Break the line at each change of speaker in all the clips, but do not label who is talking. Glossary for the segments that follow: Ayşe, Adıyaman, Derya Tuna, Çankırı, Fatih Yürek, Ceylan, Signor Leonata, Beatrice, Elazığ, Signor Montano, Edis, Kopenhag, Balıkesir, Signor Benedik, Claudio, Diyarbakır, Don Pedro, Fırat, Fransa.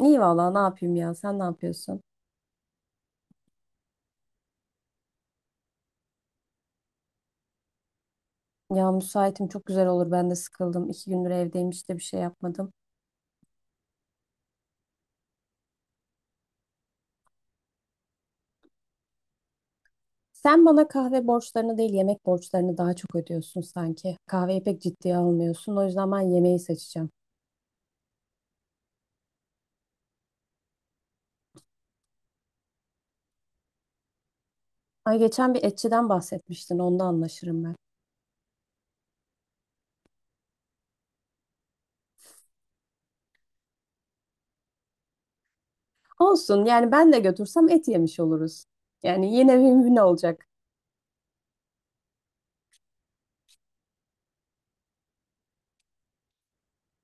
İyi valla ne yapayım ya, sen ne yapıyorsun? Ya müsaitim, çok güzel olur, ben de sıkıldım. İki gündür evdeyim, hiç de bir şey yapmadım. Sen bana kahve borçlarını değil, yemek borçlarını daha çok ödüyorsun sanki. Kahveyi pek ciddiye almıyorsun, o yüzden ben yemeği seçeceğim. Ay, geçen bir etçiden bahsetmiştin, onda anlaşırım ben. Olsun, yani ben de götürsem et yemiş oluruz. Yani yine win-win olacak.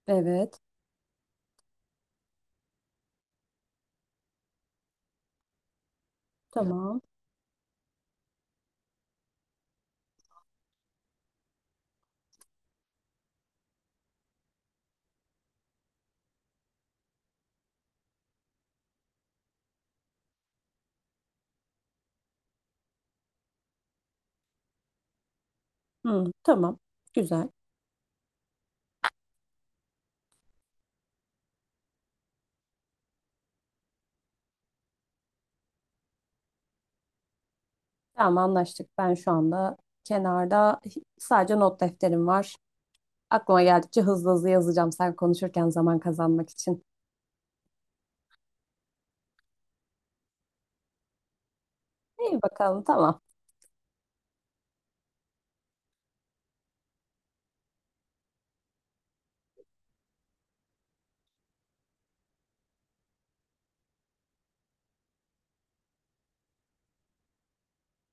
Evet, tamam. Hı, tamam, güzel. Tamam, anlaştık. Ben şu anda kenarda sadece not defterim var. Aklıma geldikçe hızlı hızlı yazacağım sen konuşurken, zaman kazanmak için. İyi bakalım, tamam.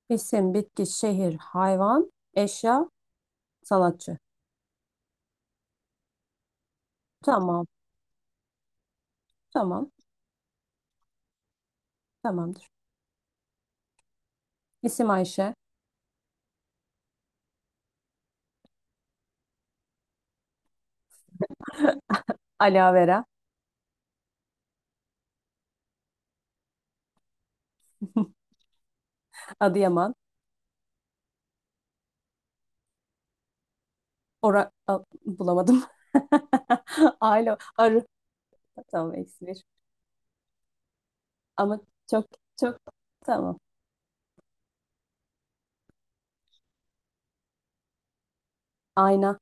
İsim, bitki, şehir, hayvan, eşya, sanatçı. Tamam, tamam, tamamdır. İsim Ayşe. Ala Vera. Adıyaman. Bulamadım. Alo, arı. Tamam, eksi bir. Ama çok, çok, tamam. Ayna.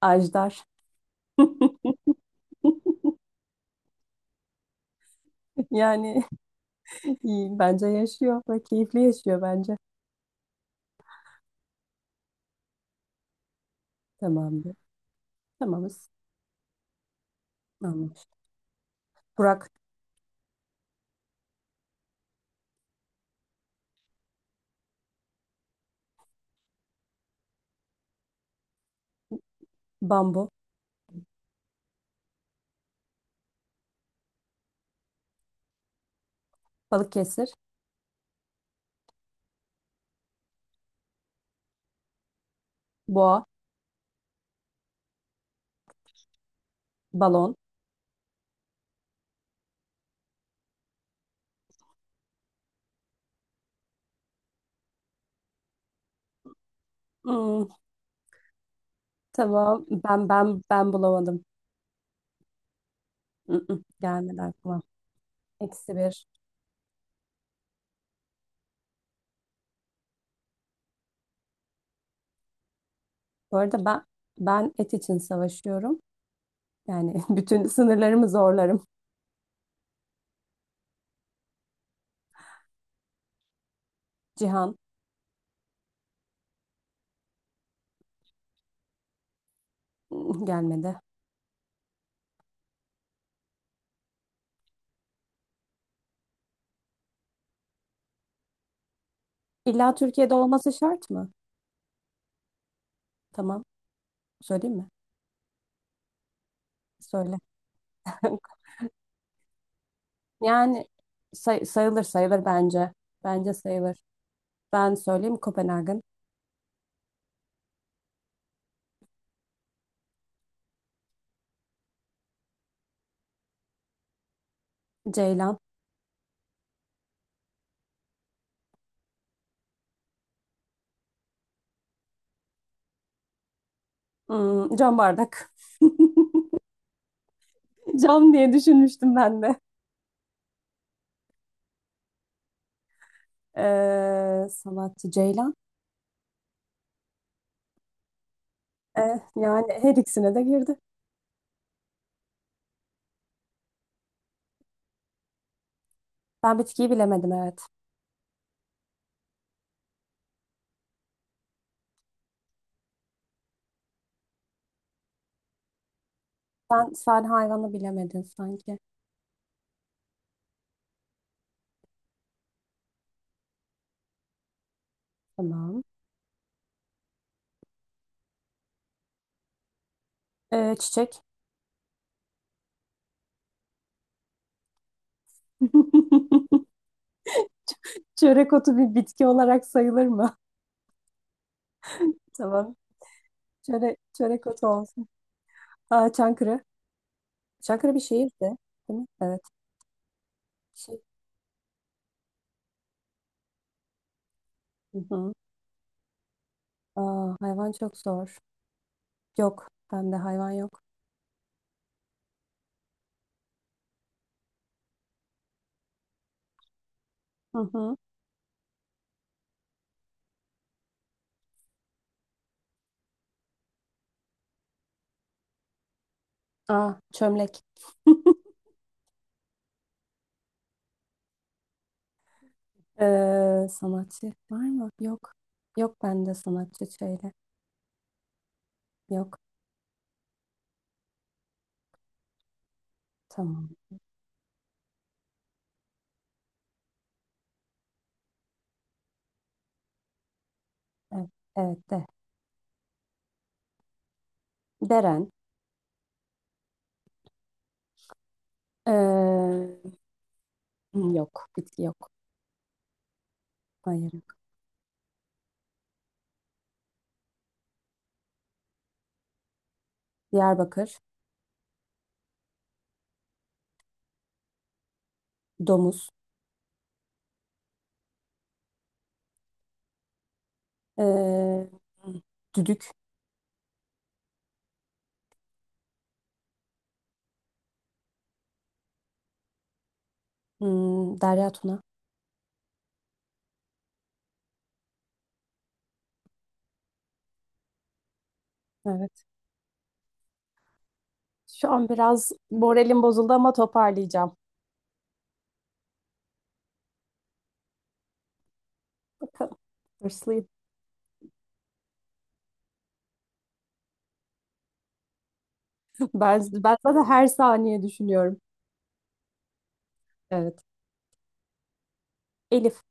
Ajdar. Yani iyi, bence yaşıyor ve keyifli yaşıyor bence. Tamamdır. Tamamız. Tamam. Burak. Bambu. Balıkesir. Boğa. Balon. Hmm, tamam, ben bulamadım. Mm-mm, gelmedi aklıma. Eksi bir. Bu arada ben et için savaşıyorum. Yani bütün sınırlarımı zorlarım. Cihan. Mm, gelmedi. İlla Türkiye'de olması şart mı? Tamam. Söyleyeyim mi? Söyle. Yani sayılır, sayılır bence. Bence sayılır. Ben söyleyeyim, Kopenhag'ın. Ceylan. Hmm, cam bardak. Cam diye düşünmüştüm ben de. Sanatçı Ceylan. Ee, Yani her ikisine de girdi. Ben bitkiyi bilemedim, evet. Sen sadece hayvanı bilemedin sanki. Tamam. Çiçek. Çörek otu bir bitki olarak sayılır mı? Tamam. Çörek, çörek otu olsun. Aa, Çankırı. Çankırı bir şehirdi, değil mi? Evet. Şey. Hı hı. Aa, hayvan çok zor. Yok. Bende hayvan yok. Hı hı. Aa, çömlek. Sanatçı var mı? Yok. Yok, bende sanatçı şöyle. Yok. Tamam. Evet, evet de. Deren. Ee, Yok. Bitki yok. Hayır, yok. Diyarbakır. Domuz. Ee, Düdük. Hmm, Derya Tuna. Evet. Şu an biraz moralim bozuldu ama toparlayacağım. Bakalım. Hırslıyım. Ben zaten her saniye düşünüyorum. Evet. Elif.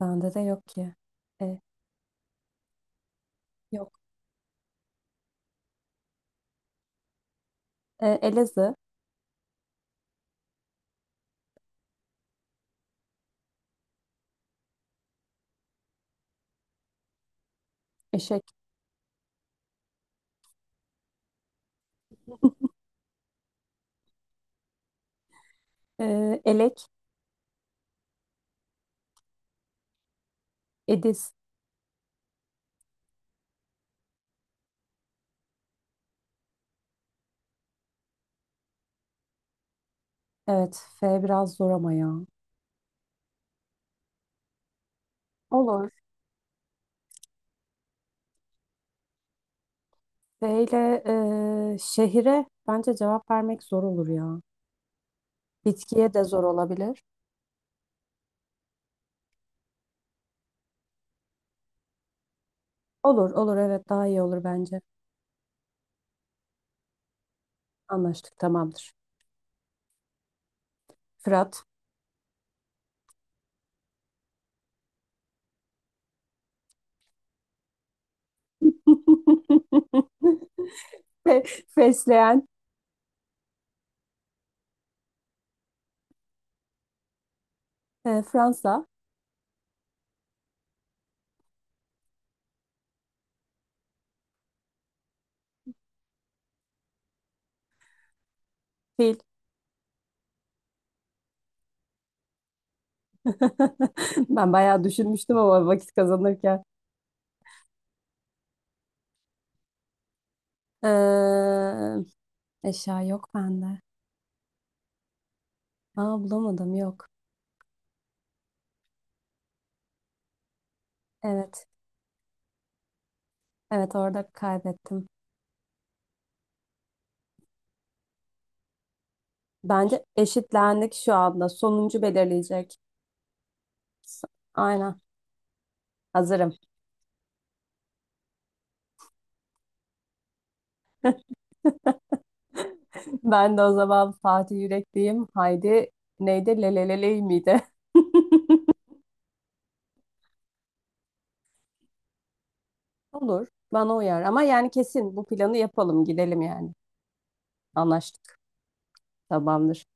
Bende de yok ki. E, yok. E, Elazığ. Eşek. E, elek. Edis. Evet. F biraz zor ama ya. Olur. F ile şehire bence cevap vermek zor olur ya. Bitkiye de zor olabilir. Olur, olur, evet, daha iyi olur bence. Anlaştık, tamamdır. Fırat. Fe- Fesleğen. E, Fransa. Fil. Ben bayağı düşünmüştüm ama vakit kazanırken. E, eşya yok bende. Aa, bulamadım, yok. Evet. Evet, orada kaybettim. Bence eşitlendik şu anda. Sonuncu belirleyecek. Aynen. Hazırım. Ben de o zaman Fatih Yürek diyeyim. Haydi, neydi? Leleleley miydi? Olur. Bana uyar. Ama yani kesin bu planı yapalım. Gidelim yani. Anlaştık. Tamamdır.